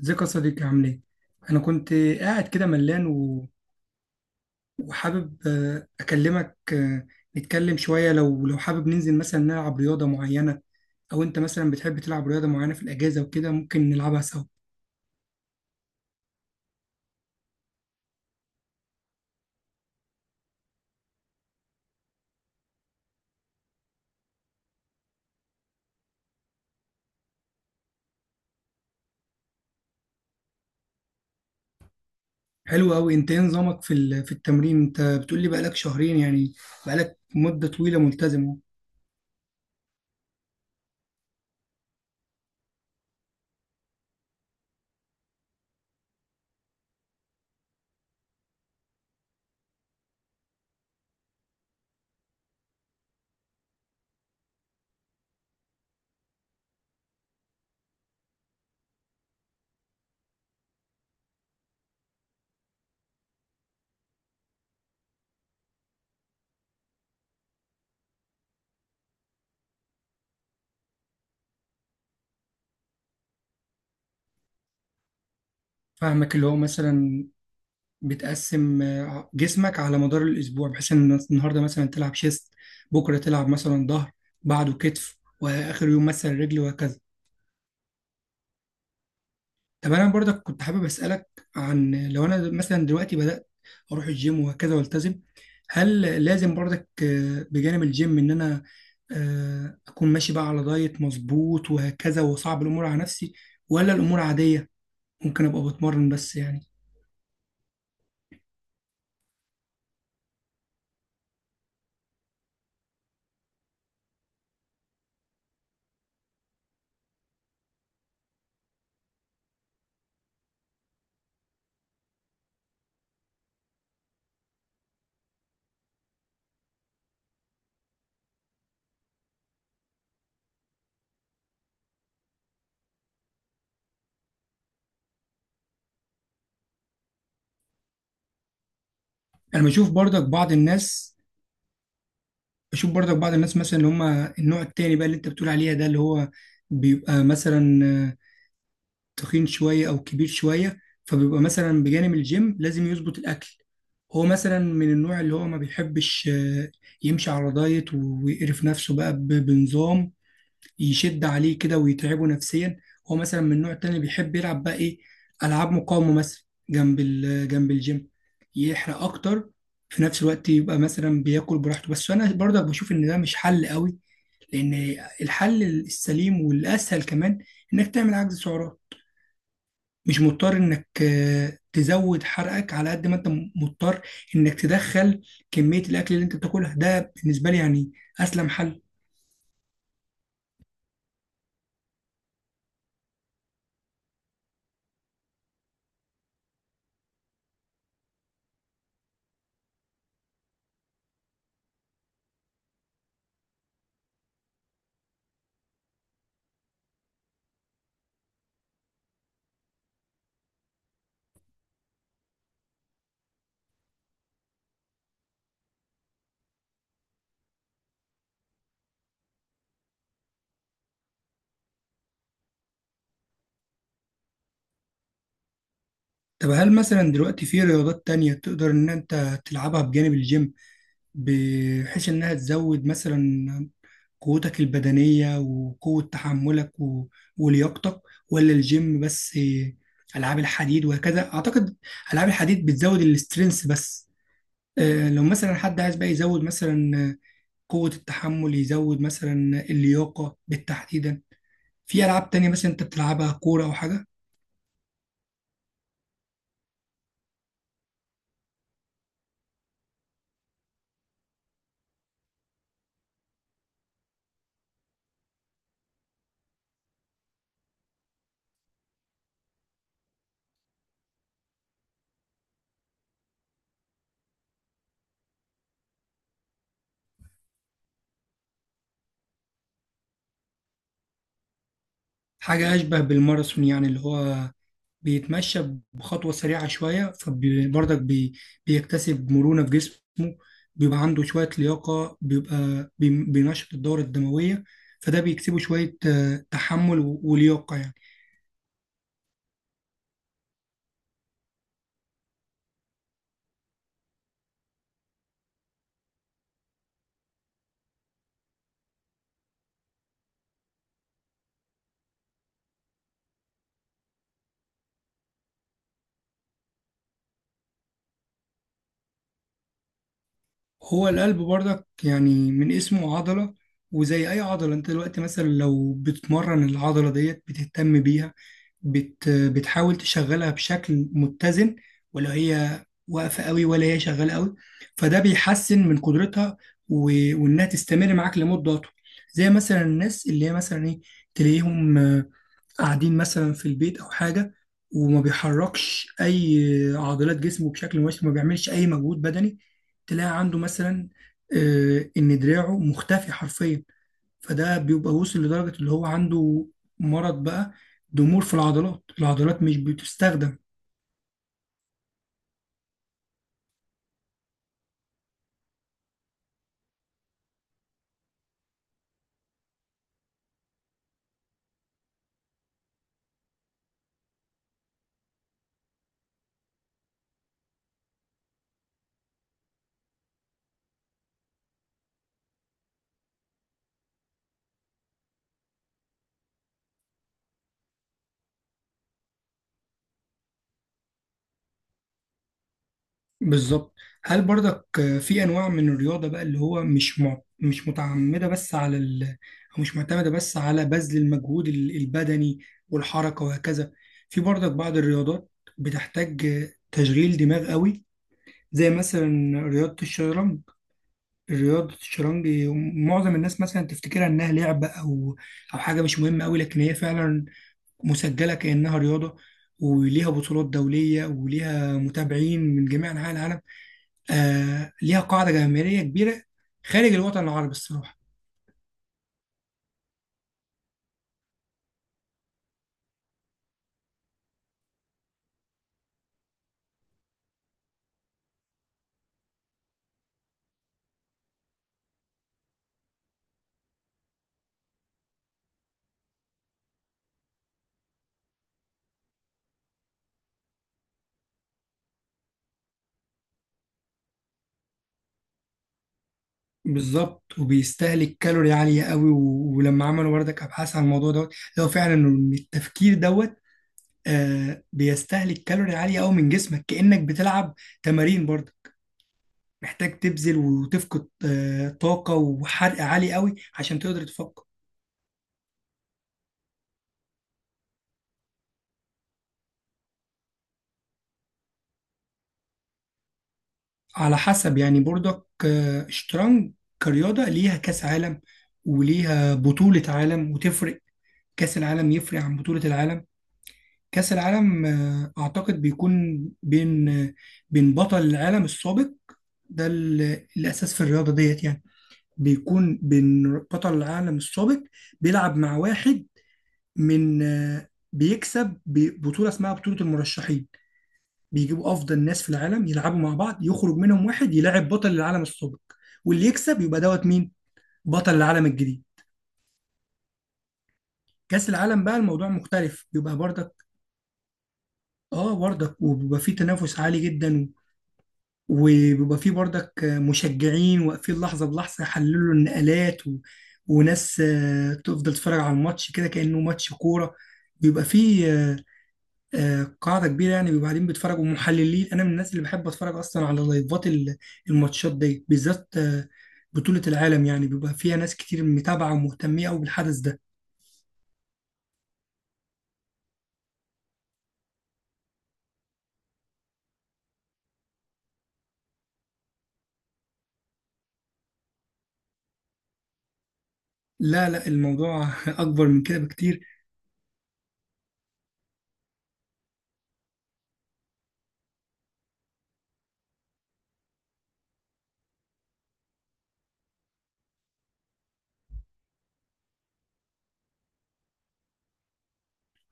ازيك يا صديقي، عامل ايه؟ انا كنت قاعد كده ملان وحابب اكلمك، نتكلم شوية. لو حابب ننزل مثلا نلعب رياضة معينة، او انت مثلا بتحب تلعب رياضة معينة في الاجازة وكده ممكن نلعبها سوا. حلو قوي. انت ايه نظامك في في التمرين؟ انت بتقول لي بقالك شهرين، يعني بقالك مدة طويلة ملتزم. فاهمك، اللي هو مثلا بتقسم جسمك على مدار الأسبوع بحيث إن النهاردة مثلا تلعب شيست، بكرة تلعب مثلا ظهر، بعده كتف، وآخر يوم مثلا رجل، وهكذا. طب أنا برضك كنت حابب أسألك، عن لو أنا مثلا دلوقتي بدأت أروح الجيم وهكذا والتزم، هل لازم برضك بجانب الجيم إن أنا أكون ماشي بقى على دايت مظبوط وهكذا وصعب الأمور على نفسي، ولا الأمور عادية ممكن أبقى بتمرن بس يعني؟ أنا بشوف برضك بعض الناس مثلا اللي هم النوع التاني بقى اللي انت بتقول عليها، ده اللي هو بيبقى مثلا تخين شوية او كبير شوية، فبيبقى مثلا بجانب الجيم لازم يظبط الاكل. هو مثلا من النوع اللي هو ما بيحبش يمشي على دايت ويقرف نفسه بقى بنظام يشد عليه كده ويتعبه نفسيا. هو مثلا من النوع التاني اللي بيحب يلعب بقى ايه، العاب مقاومه مثلا، جنب جنب الجيم يحرق اكتر، في نفس الوقت يبقى مثلا بياكل براحته. بس انا برضك بشوف ان ده مش حل قوي، لان الحل السليم والاسهل كمان انك تعمل عجز سعرات. مش مضطر انك تزود حرقك على قد ما انت مضطر انك تدخل كميه الاكل اللي انت بتاكلها، ده بالنسبه لي يعني اسلم حل. طب هل مثلا دلوقتي في رياضات تانية تقدر إن أنت تلعبها بجانب الجيم، بحيث إنها تزود مثلا قوتك البدنية وقوة تحملك ولياقتك، ولا الجيم بس؟ ألعاب الحديد وهكذا، أعتقد ألعاب الحديد بتزود الاسترينث بس. لو مثلا حد عايز بقى يزود مثلا قوة التحمل، يزود مثلا اللياقة بالتحديدا، في ألعاب تانية مثلا أنت بتلعبها؟ كورة أو حاجة؟ حاجة أشبه بالماراثون، يعني اللي هو بيتمشى بخطوة سريعة شوية، فبرضك بيكتسب مرونة في جسمه، بيبقى عنده شوية لياقة، بيبقى بينشط الدورة الدموية، فده بيكسبه شوية تحمل ولياقة يعني. هو القلب برضك يعني من اسمه عضلة، وزي أي عضلة أنت دلوقتي مثلا لو بتمرن العضلة ديت بتهتم بيها، بتحاول تشغلها بشكل متزن، ولا هي واقفة قوي ولا هي شغالة قوي، فده بيحسن من قدرتها وإنها تستمر معاك لمدة أطول. زي مثلا الناس اللي هي مثلا إيه، تلاقيهم قاعدين مثلا في البيت او حاجه، وما بيحركش اي عضلات جسمه بشكل مباشر، ما بيعملش اي مجهود بدني، تلاقي عنده مثلا ان دراعه مختفي حرفيا، فده بيبقى وصل لدرجه اللي هو عنده مرض بقى، ضمور في العضلات. العضلات مش بتستخدم. بالظبط. هل برضك في انواع من الرياضه بقى اللي هو مش مش متعمده بس على او مش معتمده بس على بذل المجهود البدني والحركه وهكذا؟ في برضك بعض الرياضات بتحتاج تشغيل دماغ قوي، زي مثلا رياضه الشطرنج. رياضه الشطرنج معظم الناس مثلا تفتكرها انها لعبه، او حاجه مش مهمه قوي، لكن هي فعلا مسجله كانها رياضه، وليها بطولات دوليه، وليها متابعين من جميع انحاء العالم. آه، ليها قاعدة جماهيرية كبيرة خارج الوطن العربي الصراحة. بالظبط، وبيستهلك كالوري عالية قوي ولما عملوا بردك أبحاث عن الموضوع دوت، لو فعلا إن التفكير دوت بيستهلك كالوري عالية قوي من جسمك، كأنك بتلعب تمارين برضه، محتاج تبذل وتفقد طاقة وحرق عالي قوي عشان تقدر تفكر. على حسب يعني بردك، الشطرنج كرياضة ليها كأس عالم وليها بطولة عالم، وتفرق. كأس العالم يفرق عن بطولة العالم. كأس العالم أعتقد بيكون بين بين بطل العالم السابق. ده الأساس في الرياضة ديت يعني. بيكون بين بطل العالم السابق بيلعب مع واحد من بيكسب ببطولة اسمها بطولة المرشحين، بيجيبوا أفضل ناس في العالم يلعبوا مع بعض، يخرج منهم واحد يلاعب بطل العالم السابق، واللي يكسب يبقى دوت مين؟ بطل العالم الجديد. كأس العالم بقى الموضوع مختلف، بيبقى برضك، وبيبقى فيه تنافس عالي جدا، وبيبقى فيه برضك مشجعين واقفين لحظة بلحظة يحللوا النقلات وناس تفضل تتفرج على الماتش كده كأنه ماتش كورة. بيبقى فيه قاعدة كبيرة يعني، بيبقى قاعدين بيتفرجوا محللين. أنا من الناس اللي بحب أتفرج أصلا على لايفات الماتشات دي بالذات. بطولة العالم يعني بيبقى فيها ناس كتير متابعة ومهتمية أوي بالحدث ده. لا لا، الموضوع أكبر من كده بكتير.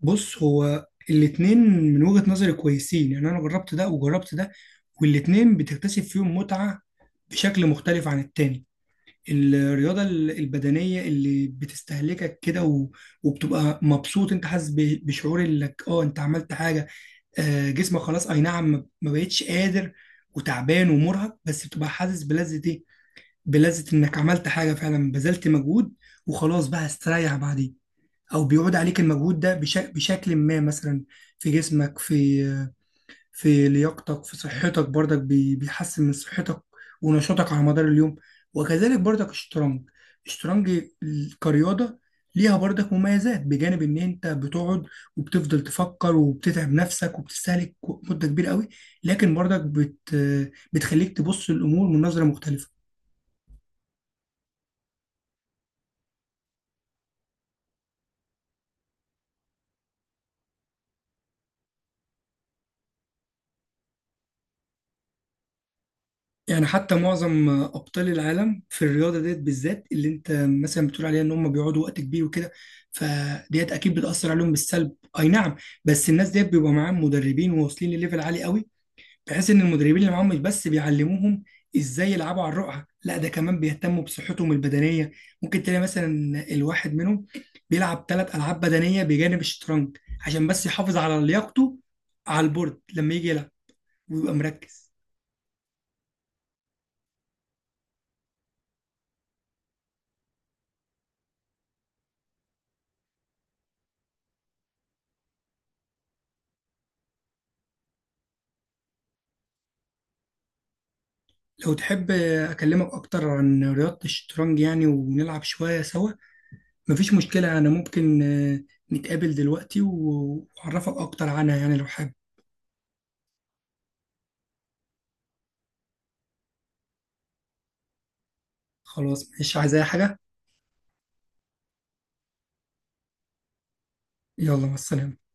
بص، هو الاتنين من وجهة نظري كويسين يعني. انا جربت ده وجربت ده، والاتنين بتكتسب فيهم متعة بشكل مختلف عن التاني. الرياضة البدنية اللي بتستهلكك كده وبتبقى مبسوط، انت حاسس بشعور انك اه انت عملت حاجة، جسمك خلاص اي نعم ما بقتش قادر وتعبان ومرهق، بس بتبقى حاسس بلذة ايه، بلذة انك عملت حاجة فعلا بذلت مجهود، وخلاص بقى استريح بعدين، او بيعود عليك المجهود ده بشكل ما مثلا في جسمك، في لياقتك، في صحتك برضك بيحسن من صحتك ونشاطك على مدار اليوم. وكذلك برضك الشطرنج. الشطرنج كرياضة ليها برضك مميزات بجانب ان انت بتقعد وبتفضل تفكر وبتتعب نفسك وبتستهلك مدة كبيرة قوي، لكن برضك بتخليك تبص للامور من نظرة مختلفة. يعني حتى معظم ابطال العالم في الرياضه ديت بالذات اللي انت مثلا بتقول عليها ان هم بيقعدوا وقت كبير وكده، فديت اكيد بتاثر عليهم بالسلب، اي نعم، بس الناس ديت بيبقى معاهم مدربين وواصلين لليفل عالي قوي، بحيث ان المدربين اللي معاهم مش بس بيعلموهم ازاي يلعبوا على الرقعه، لا ده كمان بيهتموا بصحتهم البدنيه. ممكن تلاقي مثلا الواحد منهم بيلعب 3 العاب بدنيه بجانب الشطرنج عشان بس يحافظ على لياقته على البورد لما يجي يلعب ويبقى مركز. لو تحب أكلمك أكتر عن رياضة الشطرنج يعني، ونلعب شوية سوا؟ مفيش مشكلة، أنا ممكن نتقابل دلوقتي وأعرفك أكتر عنها يعني لو حابب. خلاص، مش عايز أي حاجة. يلا مع السلامة.